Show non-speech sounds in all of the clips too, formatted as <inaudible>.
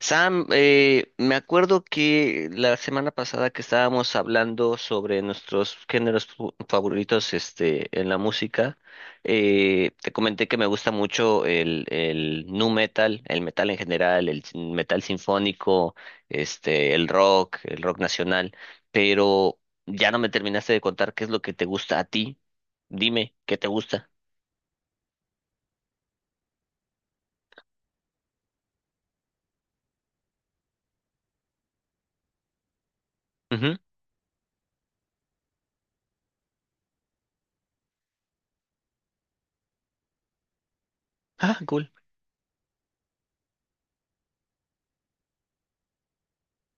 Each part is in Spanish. Sam, me acuerdo que la semana pasada que estábamos hablando sobre nuestros géneros favoritos, este, en la música, te comenté que me gusta mucho el nu metal, el metal en general, el metal sinfónico, este, el rock nacional, pero ya no me terminaste de contar qué es lo que te gusta a ti. Dime, ¿qué te gusta? Ujú. Ah, cool.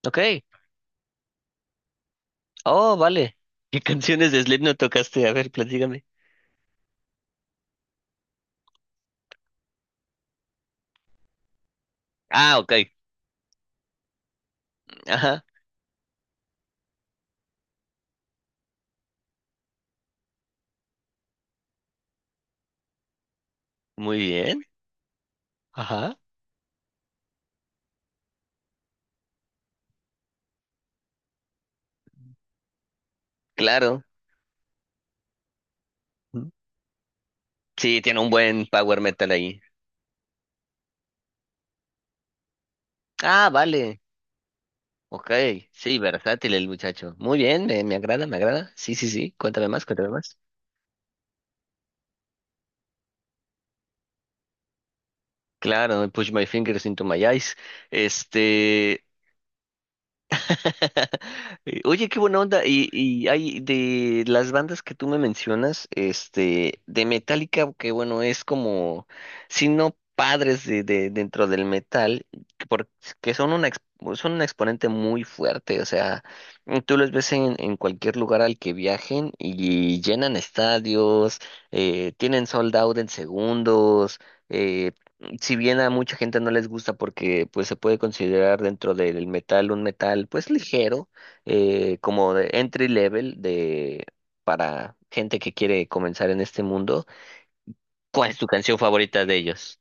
Ok. Oh, vale. ¿Qué canciones de Slipknot tocaste? A ver, platícame. Ah, ok. Ajá. Muy bien. Ajá. Claro. Mm. Sí, tiene un buen power metal ahí. Ah, vale. Ok. Sí, versátil el muchacho. Muy bien, me agrada, me agrada. Sí, sí, sí. Cuéntame más, cuéntame más. Claro, I push my fingers into my eyes. Este, <laughs> Oye, qué buena onda. Y hay de las bandas que tú me mencionas, este, de Metallica, que bueno, es como, si no padres dentro del metal, porque son un exponente muy fuerte. O sea, tú los ves en cualquier lugar al que viajen y llenan estadios, tienen sold out en segundos. eh, si bien a mucha gente no les gusta porque pues se puede considerar dentro del metal un metal pues ligero, como de entry level de para gente que quiere comenzar en este mundo, ¿cuál es tu canción favorita de ellos?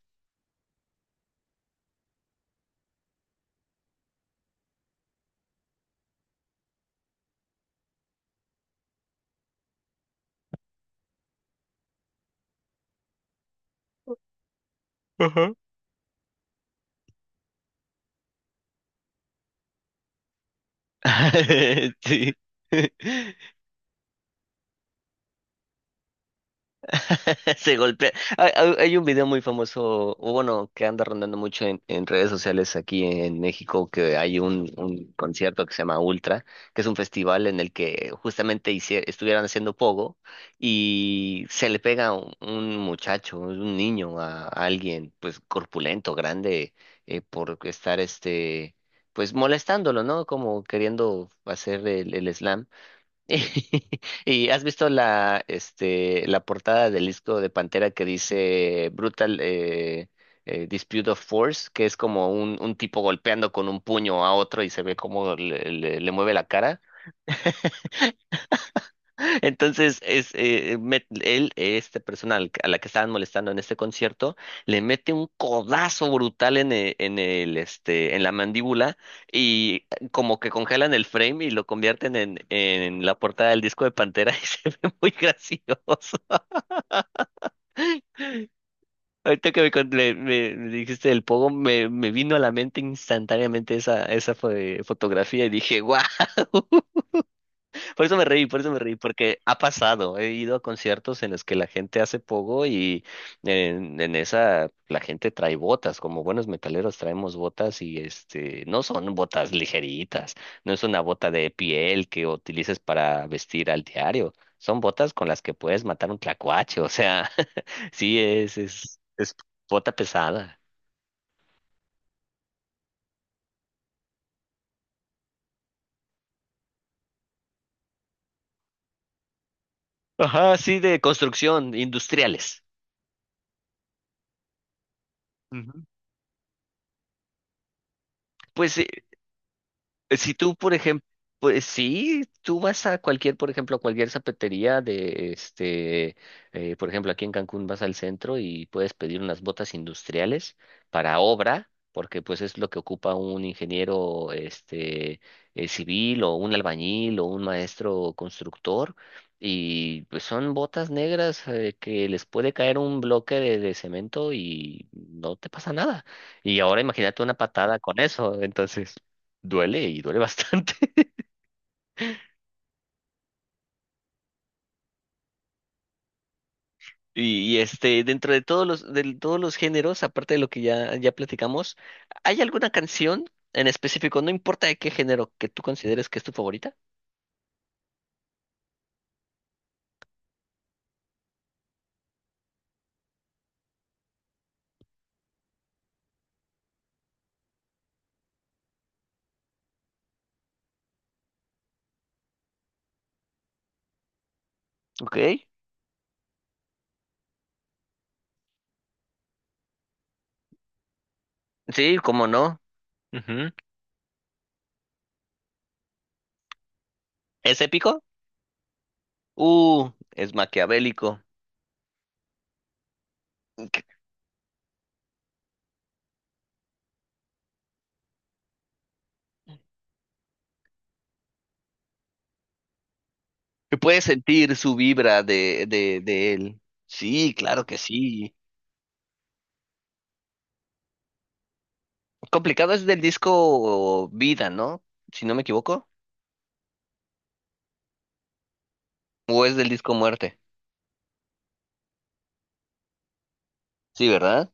Ajá. <laughs> Sí. <laughs> <laughs> Se golpea. Hay un video muy famoso, o bueno, que anda rondando mucho en redes sociales aquí en México, que hay un concierto que se llama Ultra, que es un festival en el que justamente estuvieran haciendo pogo y se le pega un muchacho, un niño a alguien, pues corpulento, grande, por estar este, pues molestándolo, ¿no? Como queriendo hacer el slam. <laughs> ¿Y has visto la, este, la portada del disco de Pantera que dice Brutal Dispute of Force, que es como un tipo golpeando con un puño a otro y se ve cómo le mueve la cara? Entonces, esta persona a la que estaban molestando en este concierto, le mete un codazo brutal en el, este, en la mandíbula y como que congelan el frame y lo convierten en la portada del disco de Pantera <laughs> y se ve muy gracioso. Ahorita que me dijiste del pogo, me vino a la mente instantáneamente esa fotografía y dije, wow. Por eso me reí, por eso me reí, porque ha pasado. He ido a conciertos en los que la gente hace pogo y en esa la gente trae botas, como buenos metaleros traemos botas y este no son botas ligeritas, no es una bota de piel que utilices para vestir al diario, son botas con las que puedes matar un tlacuache, o sea, <laughs> sí es bota pesada. Ajá, sí de construcción, industriales. Ujú. Pues si tú, por ejemplo, pues sí, tú vas a cualquier, por ejemplo, a cualquier zapatería de este, por ejemplo, aquí en Cancún vas al centro y puedes pedir unas botas industriales para obra, porque pues es lo que ocupa un ingeniero este civil o un albañil o un maestro constructor. Y pues son botas negras que les puede caer un bloque de cemento y no te pasa nada. Y ahora imagínate una patada con eso, entonces. Duele y duele bastante. <laughs> Este, dentro de todos los géneros, aparte de lo que ya, ya platicamos, ¿hay alguna canción en específico, no importa de qué género, que tú consideres que es tu favorita? Ok. Sí, cómo no. Ujú. ¿Es épico? Es maquiavélico. Que que puedes sentir su vibra de él. Sí, claro que sí. Complicado es del disco Vida, ¿no? Si no me equivoco. ¿O es del disco Muerte? Sí, ¿verdad?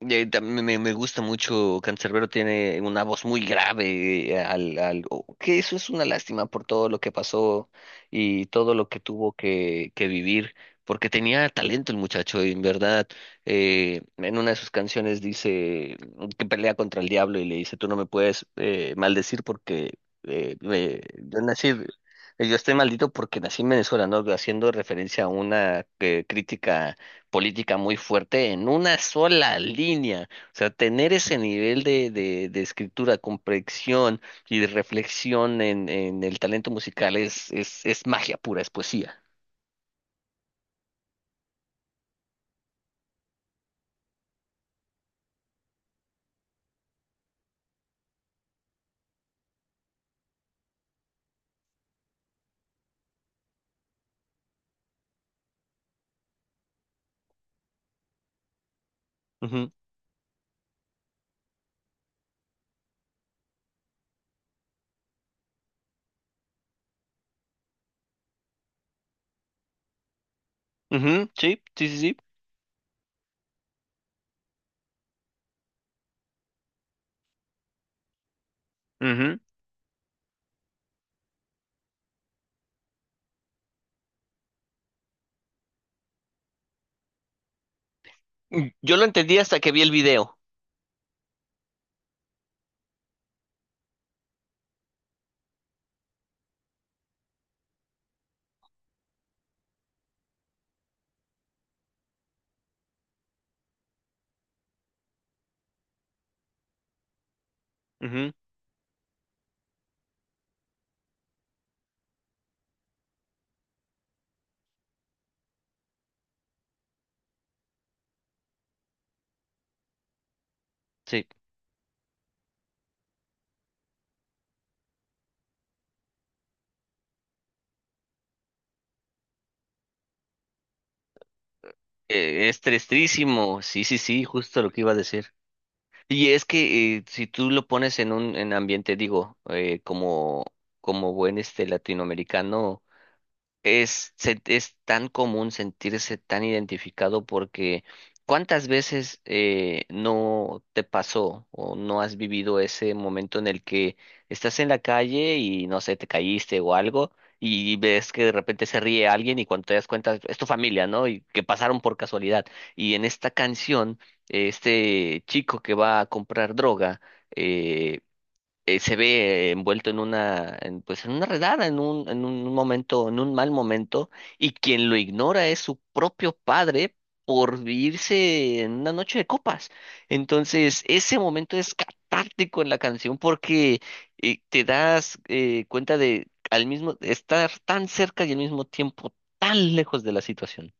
Me, me gusta mucho, Cancerbero tiene una voz muy grave, que eso es una lástima por todo lo que pasó y todo lo que tuvo que vivir, porque tenía talento el muchacho, y en verdad, en una de sus canciones dice que pelea contra el diablo y le dice, tú no me puedes maldecir porque yo nací, yo estoy maldito porque nací en Venezuela, ¿no? Haciendo referencia a una crítica política muy fuerte en una sola línea. O sea, tener ese nivel de escritura, comprensión y de reflexión en el talento musical es magia pura, es poesía. Ujú, ujú, sí, sí, sí, sí. Ujú. Mm, yo lo entendí hasta que vi el video. Ujú, sí. Es tristísimo, sí, sí, sí, justo lo que iba a decir. Y es que si tú lo pones en un en ambiente, digo, como, como buen este latinoamericano, es tan común sentirse tan identificado porque ¿cuántas veces no te pasó o no has vivido ese momento en el que estás en la calle y no sé, te caíste o algo y ves que de repente se ríe alguien y cuando te das cuenta es tu familia, ¿no? Y que pasaron por casualidad. Y en esta canción, este chico que va a comprar droga, eh, se ve envuelto en una, en, pues en una redada, en un momento, en un mal momento, y quien lo ignora es su propio padre por irse en una noche de copas. Entonces, ese momento es catártico en la canción porque te das cuenta de al mismo estar tan cerca y al mismo tiempo tan lejos de la situación.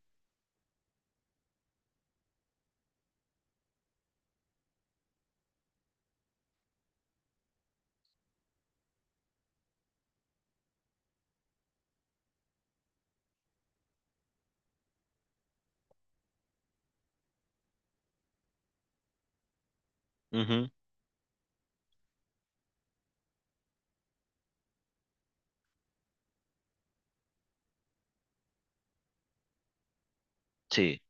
Ujú, sí.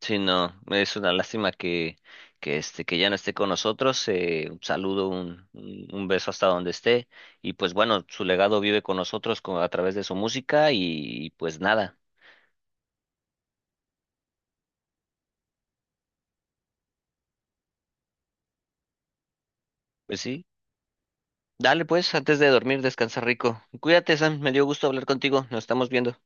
Sí, no, es una lástima que este, que ya no esté con nosotros. Un saludo, un beso hasta donde esté. Y pues bueno, su legado vive con nosotros a través de su música y, pues nada, pues sí. Dale pues, antes de dormir, descansa rico. Cuídate, Sam, me dio gusto hablar contigo. Nos estamos viendo.